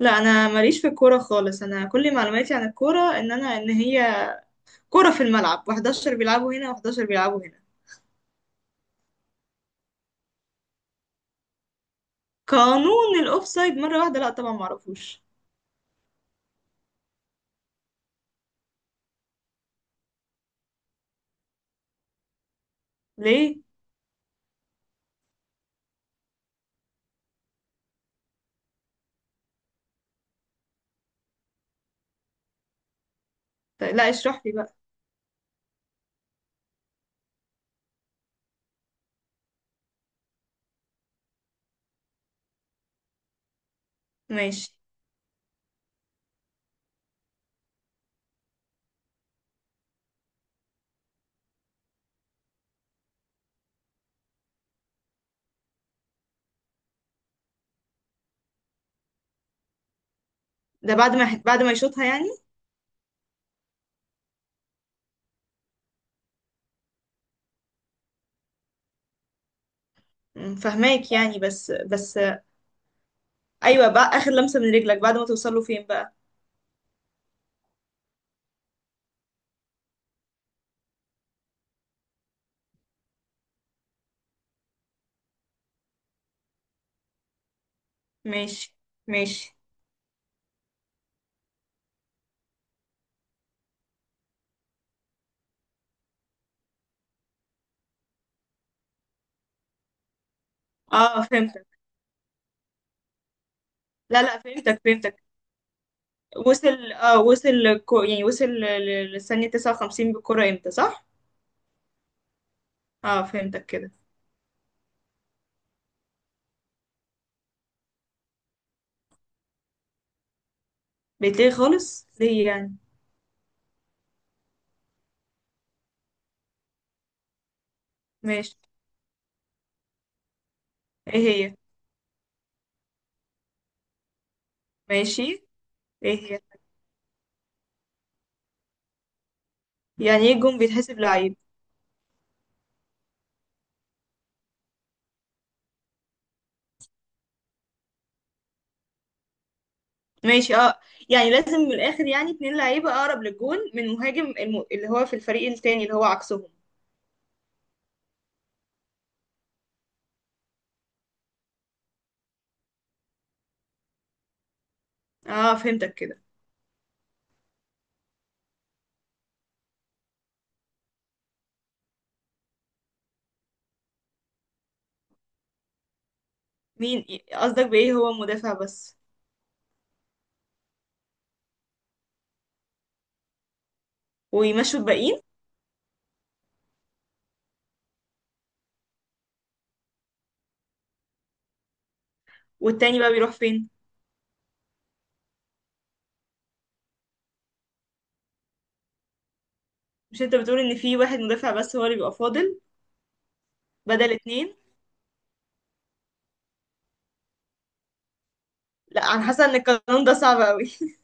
لا، انا ماليش في الكوره خالص. انا كل معلوماتي عن الكوره ان انا ان هي كوره في الملعب، و11 بيلعبوا هنا، و11 بيلعبوا هنا. قانون الاوفسايد؟ مره واحده، لا طبعا ما اعرفوش. ليه؟ طيب، لا اشرح لي بقى. ماشي. ده بعد ما يشوطها يعني؟ فهماك يعني، بس بس. ايوه بقى، اخر لمسه من رجلك بعد ما توصل له فين بقى؟ ماشي، ماشي. اه فهمتك. لا لا، فهمتك، فهمتك. وصل، اه وصل كو... يعني وصل ل- ل- للثانيه 59 بالكره، امتى؟ صح؟ اه فهمتك كده. بتلاقي خالص ليه يعني؟ ماشي. ايه هي؟ ماشي. ايه هي؟ يعني ايه جون بيتحسب لعيب؟ ماشي، اه. يعني لازم من الاخر، يعني اتنين لعيبة اقرب للجون من مهاجم اللي هو في الفريق التاني اللي هو عكسهم. اه فهمتك كده. مين؟ قصدك بايه هو مدافع بس؟ ويمشوا الباقيين؟ والتاني بقى بيروح فين؟ مش انت بتقول ان في واحد مدافع بس هو اللي بيبقى فاضل؟ بدل اتنين. لا، انا حاسه ان القانون ده صعب قوي.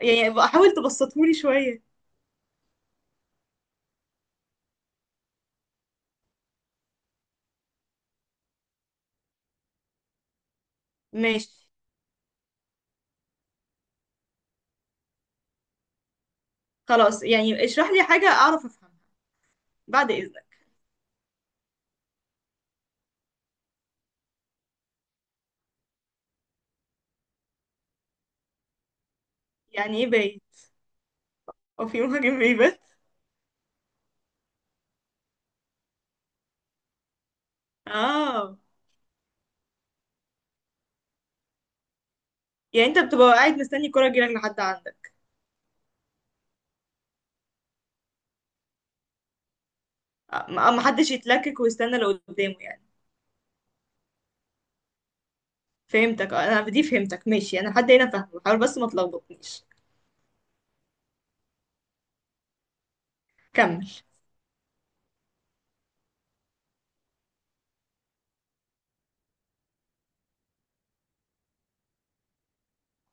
يعني بقى حاول تبسطهولي شويه. ماشي. خلاص يعني، اشرح لي حاجه اعرف افهمها. بعد اذنك، يعني ايه بايت؟ هو في مهاجم بيبات؟ اه. يعني انت بتبقى قاعد مستني الكرة تجيلك لحد عندك؟ ما حدش يتلكك ويستنى اللي قدامه يعني. فهمتك، انا دي فهمتك، ماشي، انا لحد هنا فاهمه، حاول بس ما تلخبطنيش. كمل.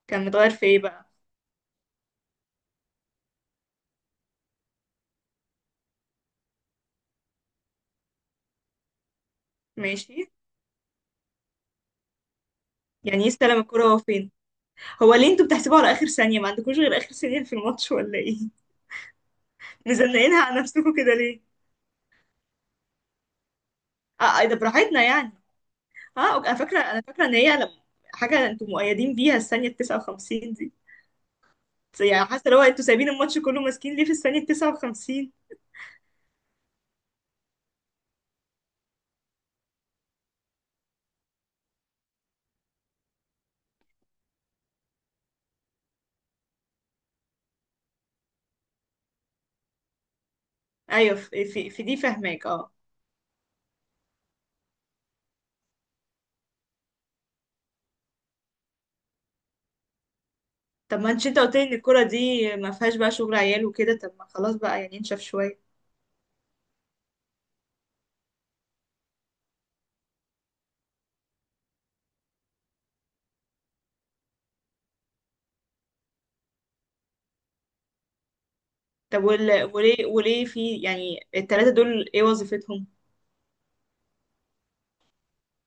كان متغير في ايه بقى؟ ماشي. يعني يستلم الكرة هو فين؟ هو ليه انتوا بتحسبوها على اخر ثانية؟ ما عندكوش غير اخر ثانية في الماتش ولا ايه؟ مزنقينها على نفسكم كده ليه؟ اه، إيه ده، براحتنا يعني. اه، انا فاكرة، انا فاكرة ان هي لما حاجة انتوا مؤيدين بيها الثانية 59. يعني حاسه اللي هو انتوا سايبين الماتش كله ماسكين ليه في الثانيه 59؟ ايوه، في دي فاهماك اه. طب ما انتش، انت قلت لي ان الكوره دي ما فيهاش بقى شغل عيال وكده، طب ما خلاص بقى يعني، انشف شويه. طب وليه في يعني الثلاثه دول ايه وظيفتهم؟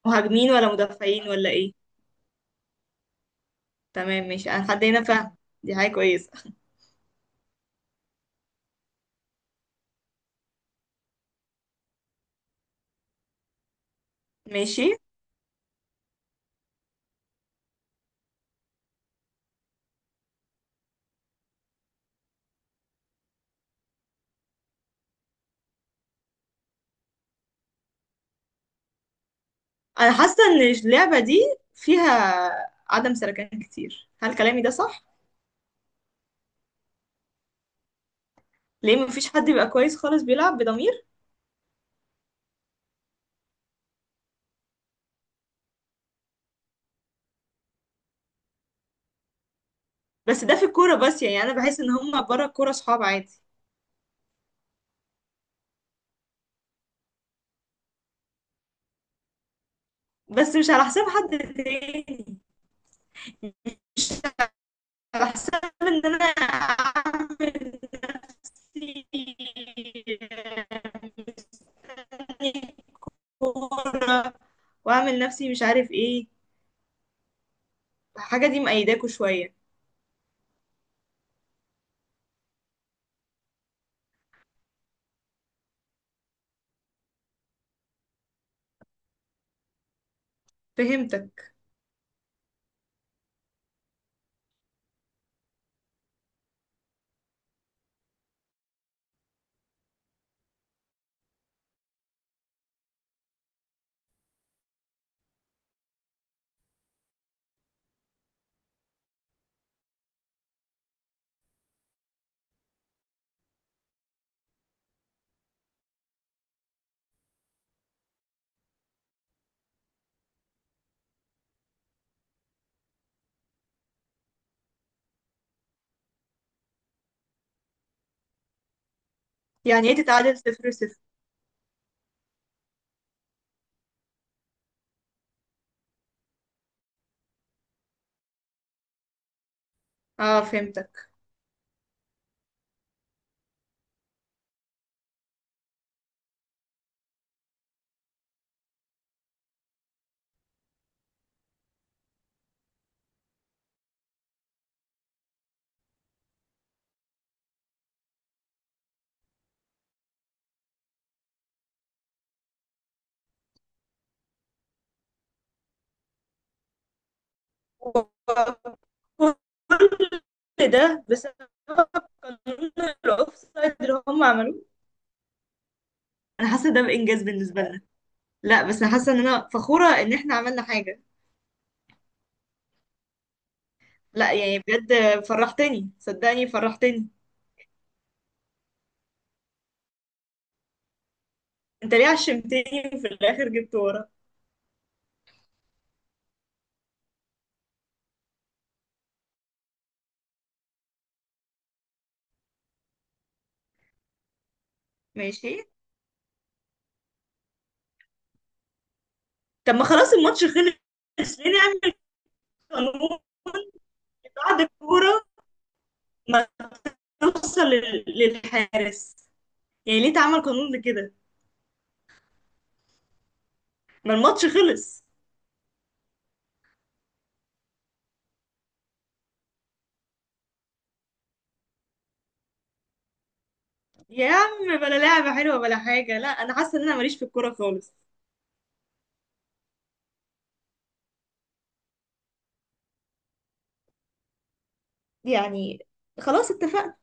مهاجمين ولا مدافعين ولا ايه؟ تمام ماشي، انا حد هنا فاهم، دي حاجه كويسه. ماشي. انا حاسه ان اللعبه دي فيها عدم سلكان كتير، هل كلامي ده صح؟ ليه مفيش حد بيبقى كويس خالص بيلعب بضمير؟ بس ده في الكورة بس يعني، انا بحس ان هما بره الكورة صحاب عادي. بس مش على حساب حد تاني، على حساب ان انا اعمل نفسي مستني كورة، واعمل نفسي مش عارف ايه. الحاجة دي مأيداكوا شوية. فهمتك. يعني ايه تتعادل صفر صفر؟ اه فهمتك. و- كل ده بسبب قانون الاوفسايد اللي هم عملوه؟ انا حاسه ده بانجاز بالنسبه لنا. لا بس انا حاسه ان انا فخوره ان احنا عملنا حاجه. لا، يعني بجد فرحتني، صدقني فرحتني. انت ليه عشمتني؟ في الاخر جبت ورا. ماشي. طب ما خلاص، الماتش خلص ليه نعمل قانون بعد الكوره ما توصل للحارس؟ يعني ليه تعمل قانون لكده؟ ما الماتش خلص. يا عم بلا لعبه حلوه بلا حاجه، لا انا حاسه ان انا ماليش في الكوره خالص يعني. خلاص اتفقنا.